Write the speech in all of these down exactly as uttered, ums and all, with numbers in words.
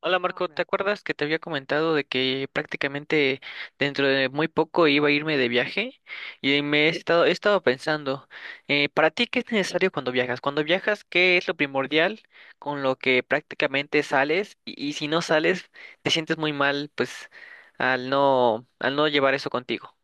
Hola Marco, ¿te acuerdas que te había comentado de que prácticamente dentro de muy poco iba a irme de viaje? Y me he estado, he estado pensando, eh, ¿para ti qué es necesario cuando viajas? Cuando viajas, ¿qué es lo primordial con lo que prácticamente sales? Y, y si no sales, te sientes muy mal, pues, al no, al no llevar eso contigo.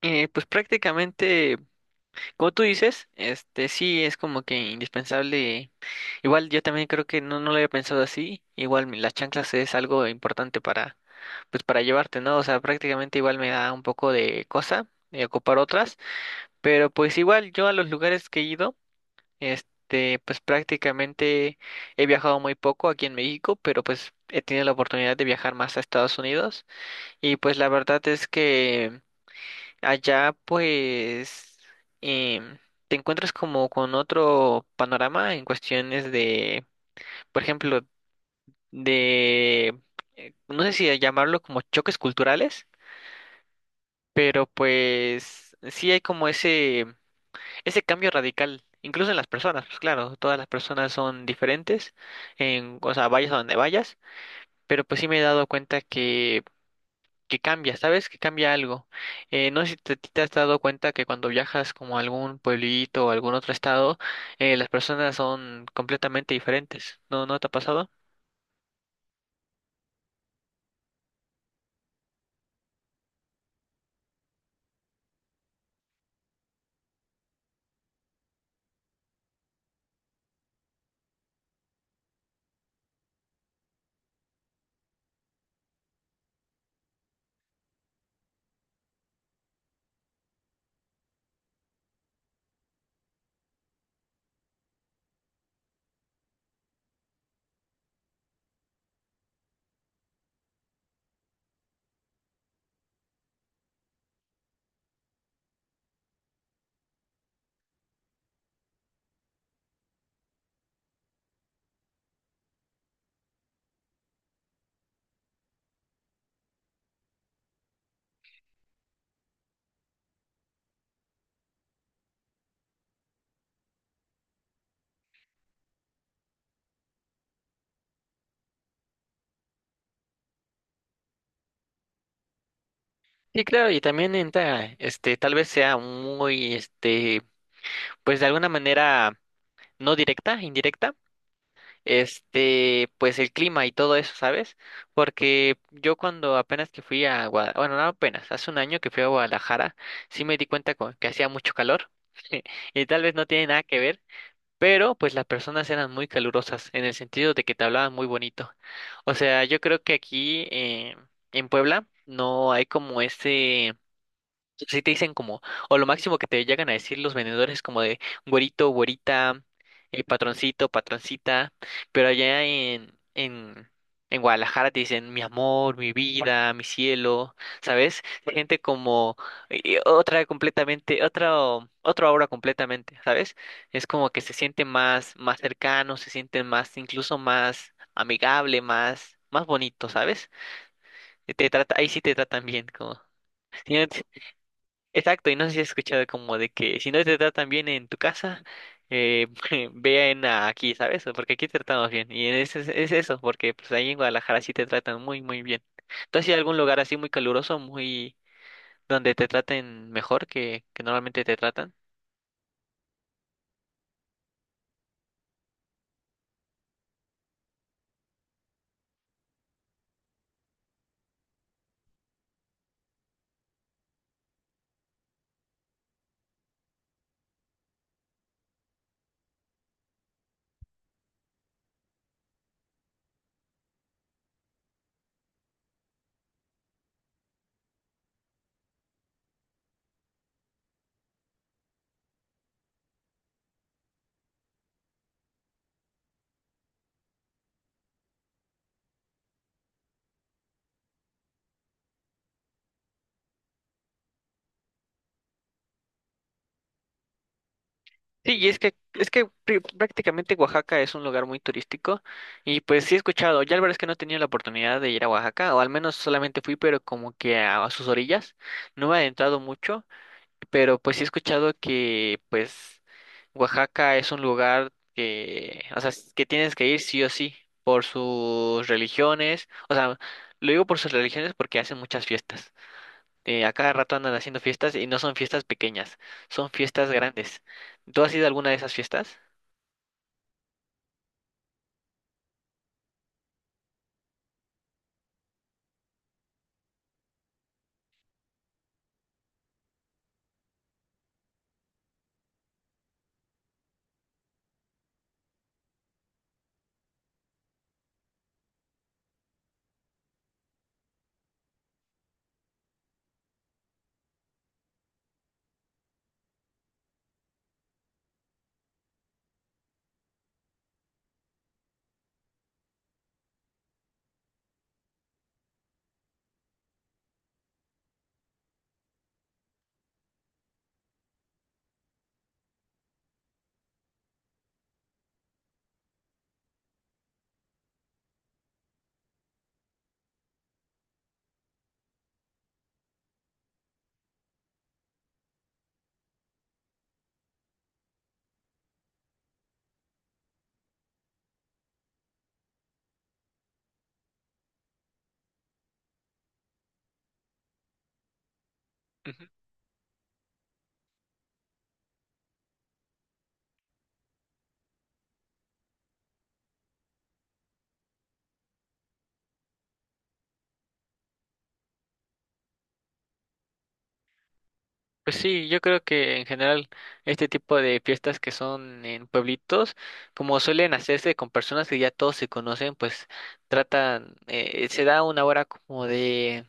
Eh, pues prácticamente. Como tú dices, este sí es como que indispensable. Igual yo también creo que no, no lo había pensado así. Igual mi- las chanclas es algo importante para, pues para llevarte, ¿no? O sea, prácticamente igual me da un poco de cosa de ocupar otras. Pero pues igual yo a los lugares que he ido, este, pues prácticamente he viajado muy poco aquí en México, pero pues he tenido la oportunidad de viajar más a Estados Unidos. Y pues la verdad es que allá pues em, te encuentras como con otro panorama en cuestiones de, por ejemplo, de, eh, no sé si llamarlo como choques culturales, pero pues sí hay como ese, ese cambio radical, incluso en las personas, pues claro, todas las personas son diferentes, en, o sea, vayas a donde vayas, pero pues sí me he dado cuenta que cambia, ¿sabes? Que cambia algo. Eh, no sé si te, te has dado cuenta que cuando viajas como a algún pueblito o algún otro estado, eh, las personas son completamente diferentes. ¿No, no te ha pasado? Sí, claro, y también entra, este, tal vez sea muy, este, pues de alguna manera no directa, indirecta. Este, pues el clima y todo eso, ¿sabes? Porque yo cuando apenas que fui a Guadalajara, bueno, no apenas, hace un año que fui a Guadalajara, sí me di cuenta co- que hacía mucho calor y tal vez no tiene nada que ver, pero pues las personas eran muy calurosas en el sentido de que te hablaban muy bonito. O sea, yo creo que aquí eh, en Puebla no hay como ese. Si te dicen como, o lo máximo que te llegan a decir los vendedores es como de güerito, güerita, eh, patroncito, patroncita, pero allá en, en, en Guadalajara te dicen mi amor, mi vida, mi cielo, ¿sabes? Gente como eh, otra completamente, otro, otra obra completamente, ¿sabes? Es como que se siente más, más cercano, se siente más, incluso más amigable, más, más bonito, ¿sabes? Te trata, ahí sí te tratan bien, como. Exacto, y no sé si has escuchado como de que si no te tratan bien en tu casa, eh, vean a aquí, ¿sabes? Porque aquí te tratamos bien. Y es, es, es eso, porque pues ahí en Guadalajara sí te tratan muy, muy bien. ¿Tú has ido a algún lugar así muy caluroso, muy donde te traten mejor que, que normalmente te tratan? Sí, y es que, es que pr- prácticamente Oaxaca es un lugar muy turístico y pues sí he escuchado, ya la verdad es que no he tenido la oportunidad de ir a Oaxaca, o al menos solamente fui, pero como que a a sus orillas, no me he adentrado mucho. Pero pues sí he escuchado que pues Oaxaca es un lugar que, o sea, s- que tienes que ir sí o sí por sus religiones, o sea, lo digo por sus religiones porque hacen muchas fiestas. Eh, a cada rato andan haciendo fiestas y no son fiestas pequeñas, son fiestas grandes. ¿Tú has ido a alguna de esas fiestas? Pues sí, yo creo que en general este tipo de fiestas que son en pueblitos, como suelen hacerse con personas que ya todos se conocen, pues tratan, eh, se da una hora como de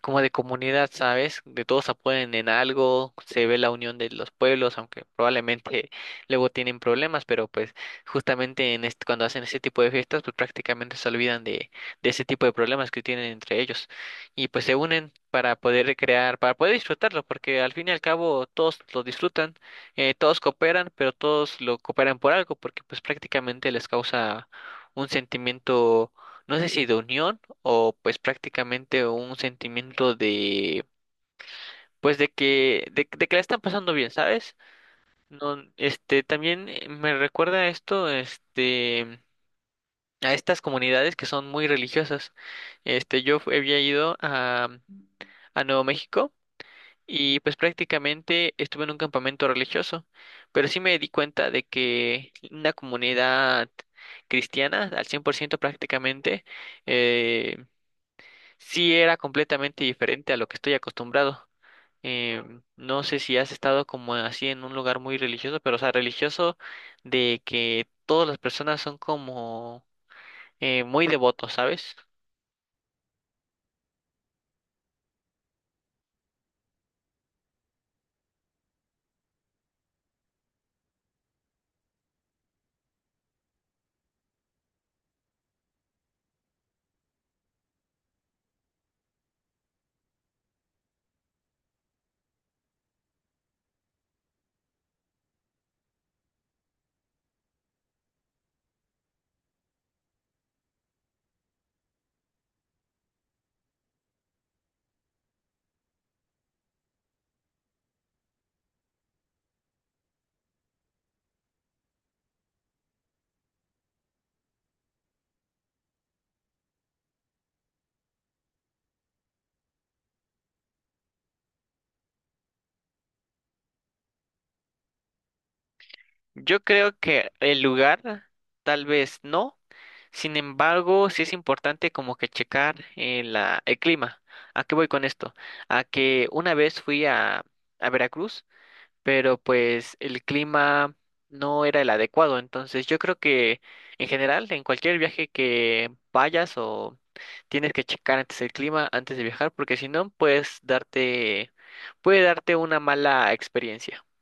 como de comunidad, ¿sabes? De todos apoyan en algo, se ve la unión de los pueblos, aunque probablemente luego tienen problemas, pero pues justamente en este, cuando hacen ese tipo de fiestas, pues prácticamente se olvidan de, de ese tipo de problemas que tienen entre ellos y pues se unen para poder recrear, para poder disfrutarlo, porque al fin y al cabo todos lo disfrutan, eh, todos cooperan, pero todos lo cooperan por algo, porque pues prácticamente les causa un sentimiento no sé si de unión o pues prácticamente un sentimiento de pues de que de, de que la están pasando bien, ¿sabes? No, este también eh, me recuerda esto, este a estas comunidades que son muy religiosas. Este yo fu- había ido a a Nuevo México y pues prácticamente estuve en un campamento religioso, pero sí me di cuenta de que una comunidad cristiana al cien por ciento prácticamente eh, sí, era completamente diferente a lo que estoy acostumbrado. Em, no sé si has estado como así en un lugar muy religioso, pero o sea, religioso de que todas las personas son como eh, muy devotos, ¿sabes? Yo creo que el lugar tal vez no. Sin embargo, sí es importante como que checar eh, la, el clima. ¿A qué voy con esto? A que una vez fui a, a Veracruz, pero pues el clima no era el adecuado. Entonces yo creo que en general, en cualquier viaje que vayas o tienes que checar antes el clima, antes de viajar, porque si no, puedes darte, puede darte una mala experiencia.